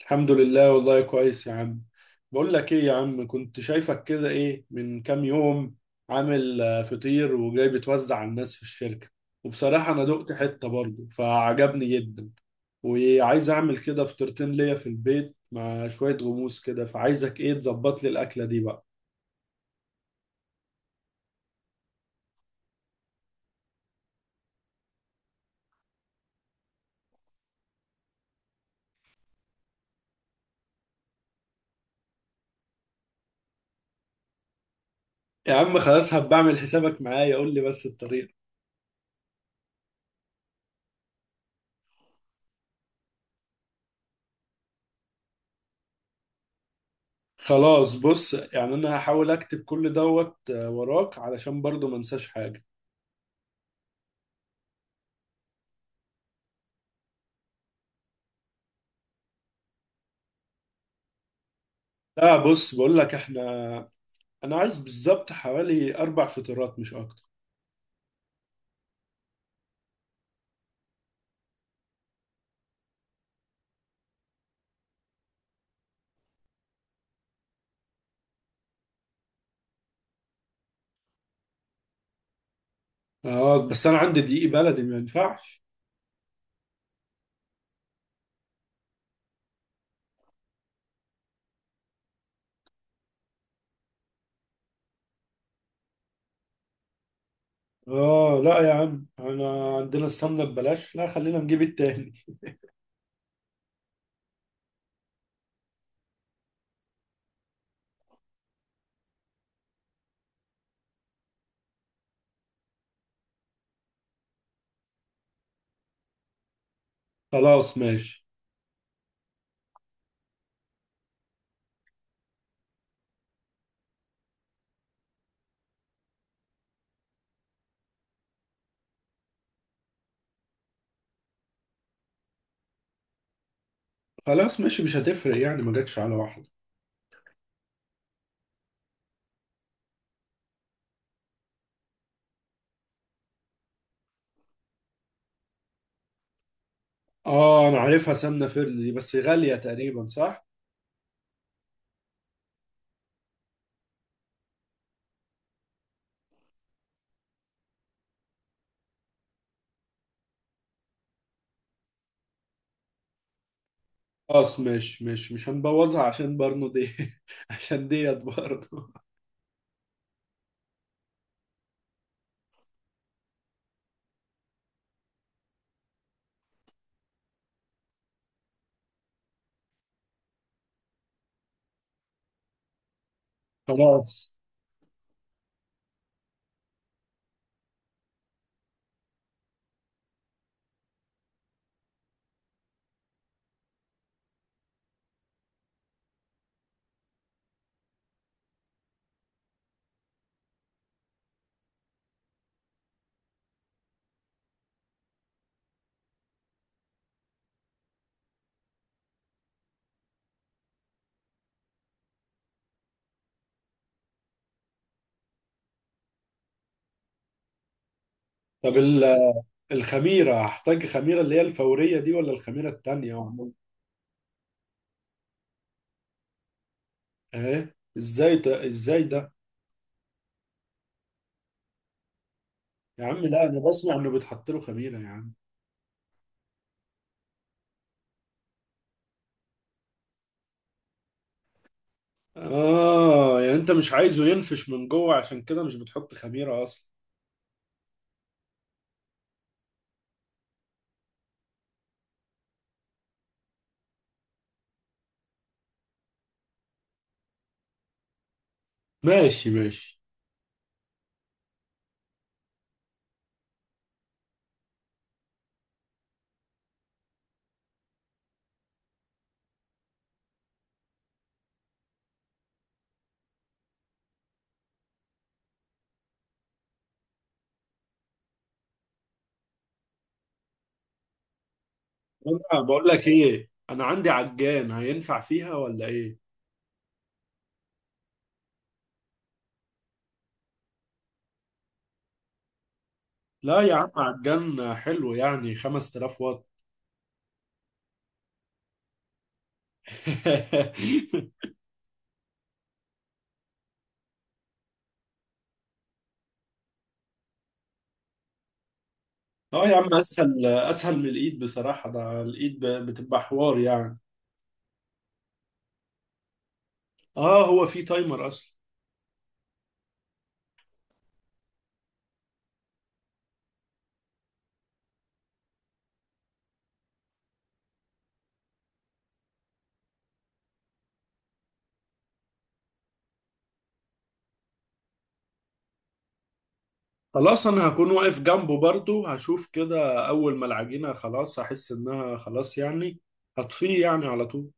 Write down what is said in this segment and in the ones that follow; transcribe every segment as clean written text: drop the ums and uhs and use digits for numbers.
الحمد لله والله كويس يا عم. بقول لك ايه يا عم، كنت شايفك كده ايه من كام يوم عامل فطير وجاي بتوزع على الناس في الشركة، وبصراحة انا دقت حتة برضه فعجبني جدا، وعايز اعمل كده فطيرتين ليا في البيت مع شوية غموس كده، فعايزك ايه تظبط لي الاكلة دي بقى. يا عم خلاص هبقى اعمل حسابك معايا، قول لي بس الطريقة. خلاص بص، يعني انا هحاول اكتب كل دوت وراك علشان برضه ما انساش حاجة. لا بص، بقول لك احنا، انا عايز بالظبط حوالي اربع فطيرات مش اكتر. اه بس انا عندي دقيق بلدي، ما ينفعش؟ اه لا يا عم، انا عندنا السمنه ببلاش، لا خلينا نجيب التاني. خلاص ماشي. خلاص ماشي، مش هتفرق يعني، ما جاتش على واحده. اه انا عارفها، سمنه فردي دي، بس غاليه تقريبا صح؟ خلاص ماشي ماشي، مش هنبوظها عشان برنو دي، عشان ديت برضه. خلاص. طب الخميره، هحتاج خميره اللي هي الفوريه دي ولا الخميره التانيه؟ ايه ازاي ده، ازاي ده؟ يا عم لا، انا بسمع انه بيتحط له خميره يا عم. اه يعني انت مش عايزه ينفش من جوه، عشان كده مش بتحط خميره اصلا؟ ماشي ماشي. انا بقول لك ايه، انا عندي عجان هينفع فيها ولا ايه؟ لا يا عم، عجان حلو، يعني 5000 واط. اه يا عم، اسهل اسهل من الايد بصراحه، ده الايد بتبقى حوار يعني. اه هو في تايمر اصلا. خلاص انا هكون واقف جنبه برضو، هشوف كده اول ما العجينة خلاص هحس انها خلاص يعني، هطفيه يعني على طول.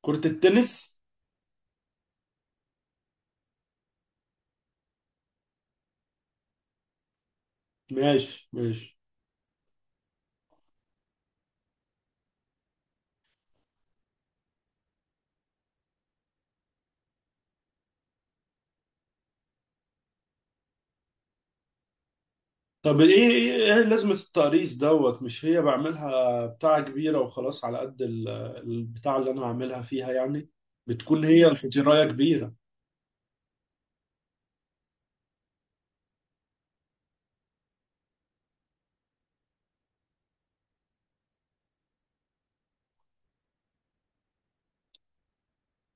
كرة التنس. ماشي ماشي. طب ايه ايه إيه لازمة التقريص دوت؟ مش هي بعملها بتاعة كبيرة وخلاص على قد البتاع اللي انا هعملها فيها يعني، بتكون هي الفطيراية كبيرة.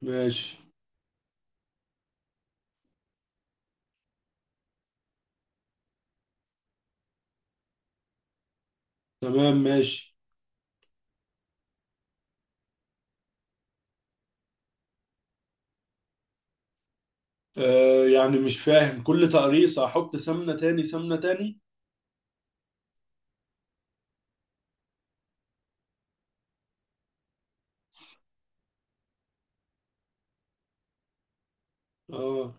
ماشي. تمام ماشي. آه يعني مش فاهم، كل تقريصة احط سمنة تاني، سمنة تاني؟ اه.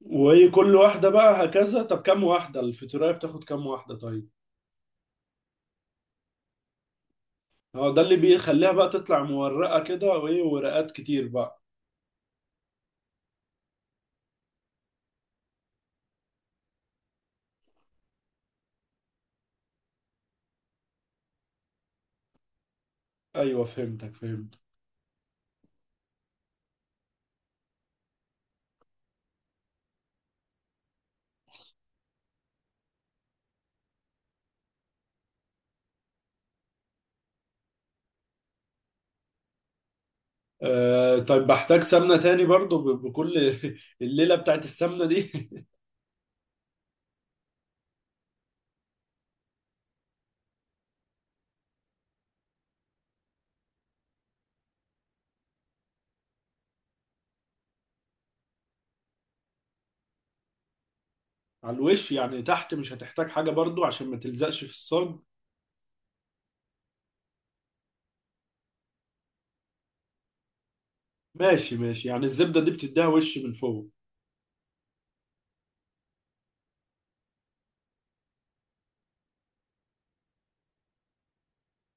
وهي كل واحدة بقى هكذا، طب كام واحدة الفاتورة بتاخد، كام واحدة طيب؟ هو ده اللي بيخليها بقى تطلع مورقة كده وايه، ورقات كتير بقى؟ ايوه، فهمتك فهمت. آه طيب، بحتاج سمنة تاني برضو بكل، الليلة بتاعت السمنة دي. على الوش، يعني تحت مش هتحتاج حاجة برضو عشان ما تلزقش في الصاج؟ ماشي ماشي، يعني الزبدة دي بتديها وش من فوق.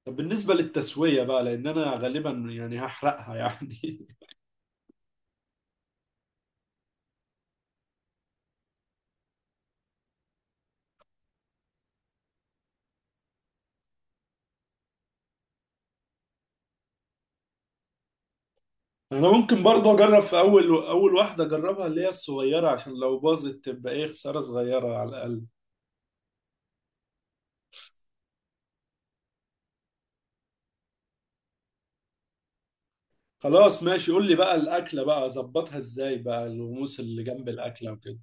طب بالنسبة للتسوية بقى، لأن أنا غالبا يعني هحرقها يعني. انا ممكن برضه اجرب في اول اول واحده، اجربها اللي هي الصغيره، عشان لو باظت تبقى ايه، خساره صغيره على الاقل. خلاص ماشي، قول لي بقى الاكله بقى اظبطها ازاي، بقى الغموس اللي جنب الاكله وكده.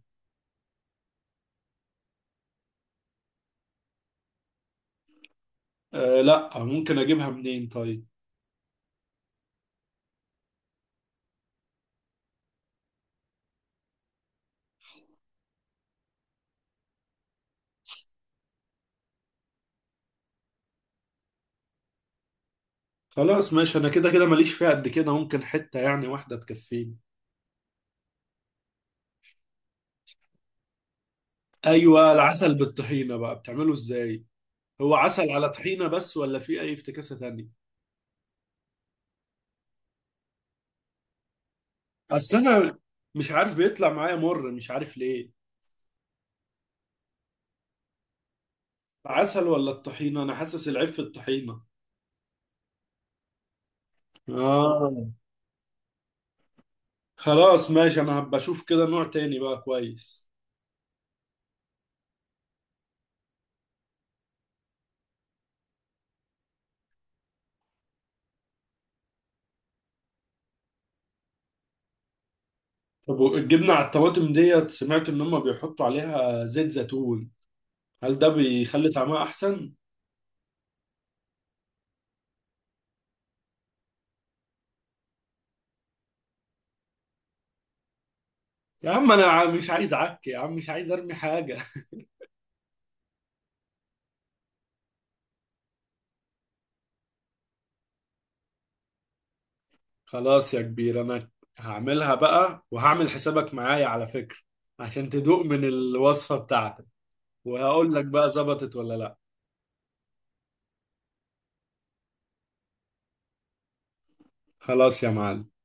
آه لا، ممكن اجيبها منين طيب؟ خلاص ماشي، انا كده كده ماليش فيها قد كده، ممكن حته يعني واحده تكفيني. ايوه، العسل بالطحينه بقى بتعمله ازاي؟ هو عسل على طحينه بس، ولا في اي افتكاسه تانية؟ اصل انا مش عارف، بيطلع معايا مر، مش عارف ليه. عسل ولا الطحينة؟ انا حاسس العيب في الطحينة. اه. خلاص ماشي، انا هبقى اشوف كده نوع تاني بقى كويس. طب الجبنة على الطماطم ديت، سمعت ان هم بيحطوا عليها زيت زيتون، هل ده بيخلي طعمها احسن؟ يا عم انا مش عايز عك يا عم، مش عايز ارمي حاجة. خلاص يا كبير، انا هعملها بقى، وهعمل حسابك معايا على فكرة، عشان تدوق من الوصفة بتاعتك، وهقول لك بقى ظبطت ولا لا. خلاص يا معلم.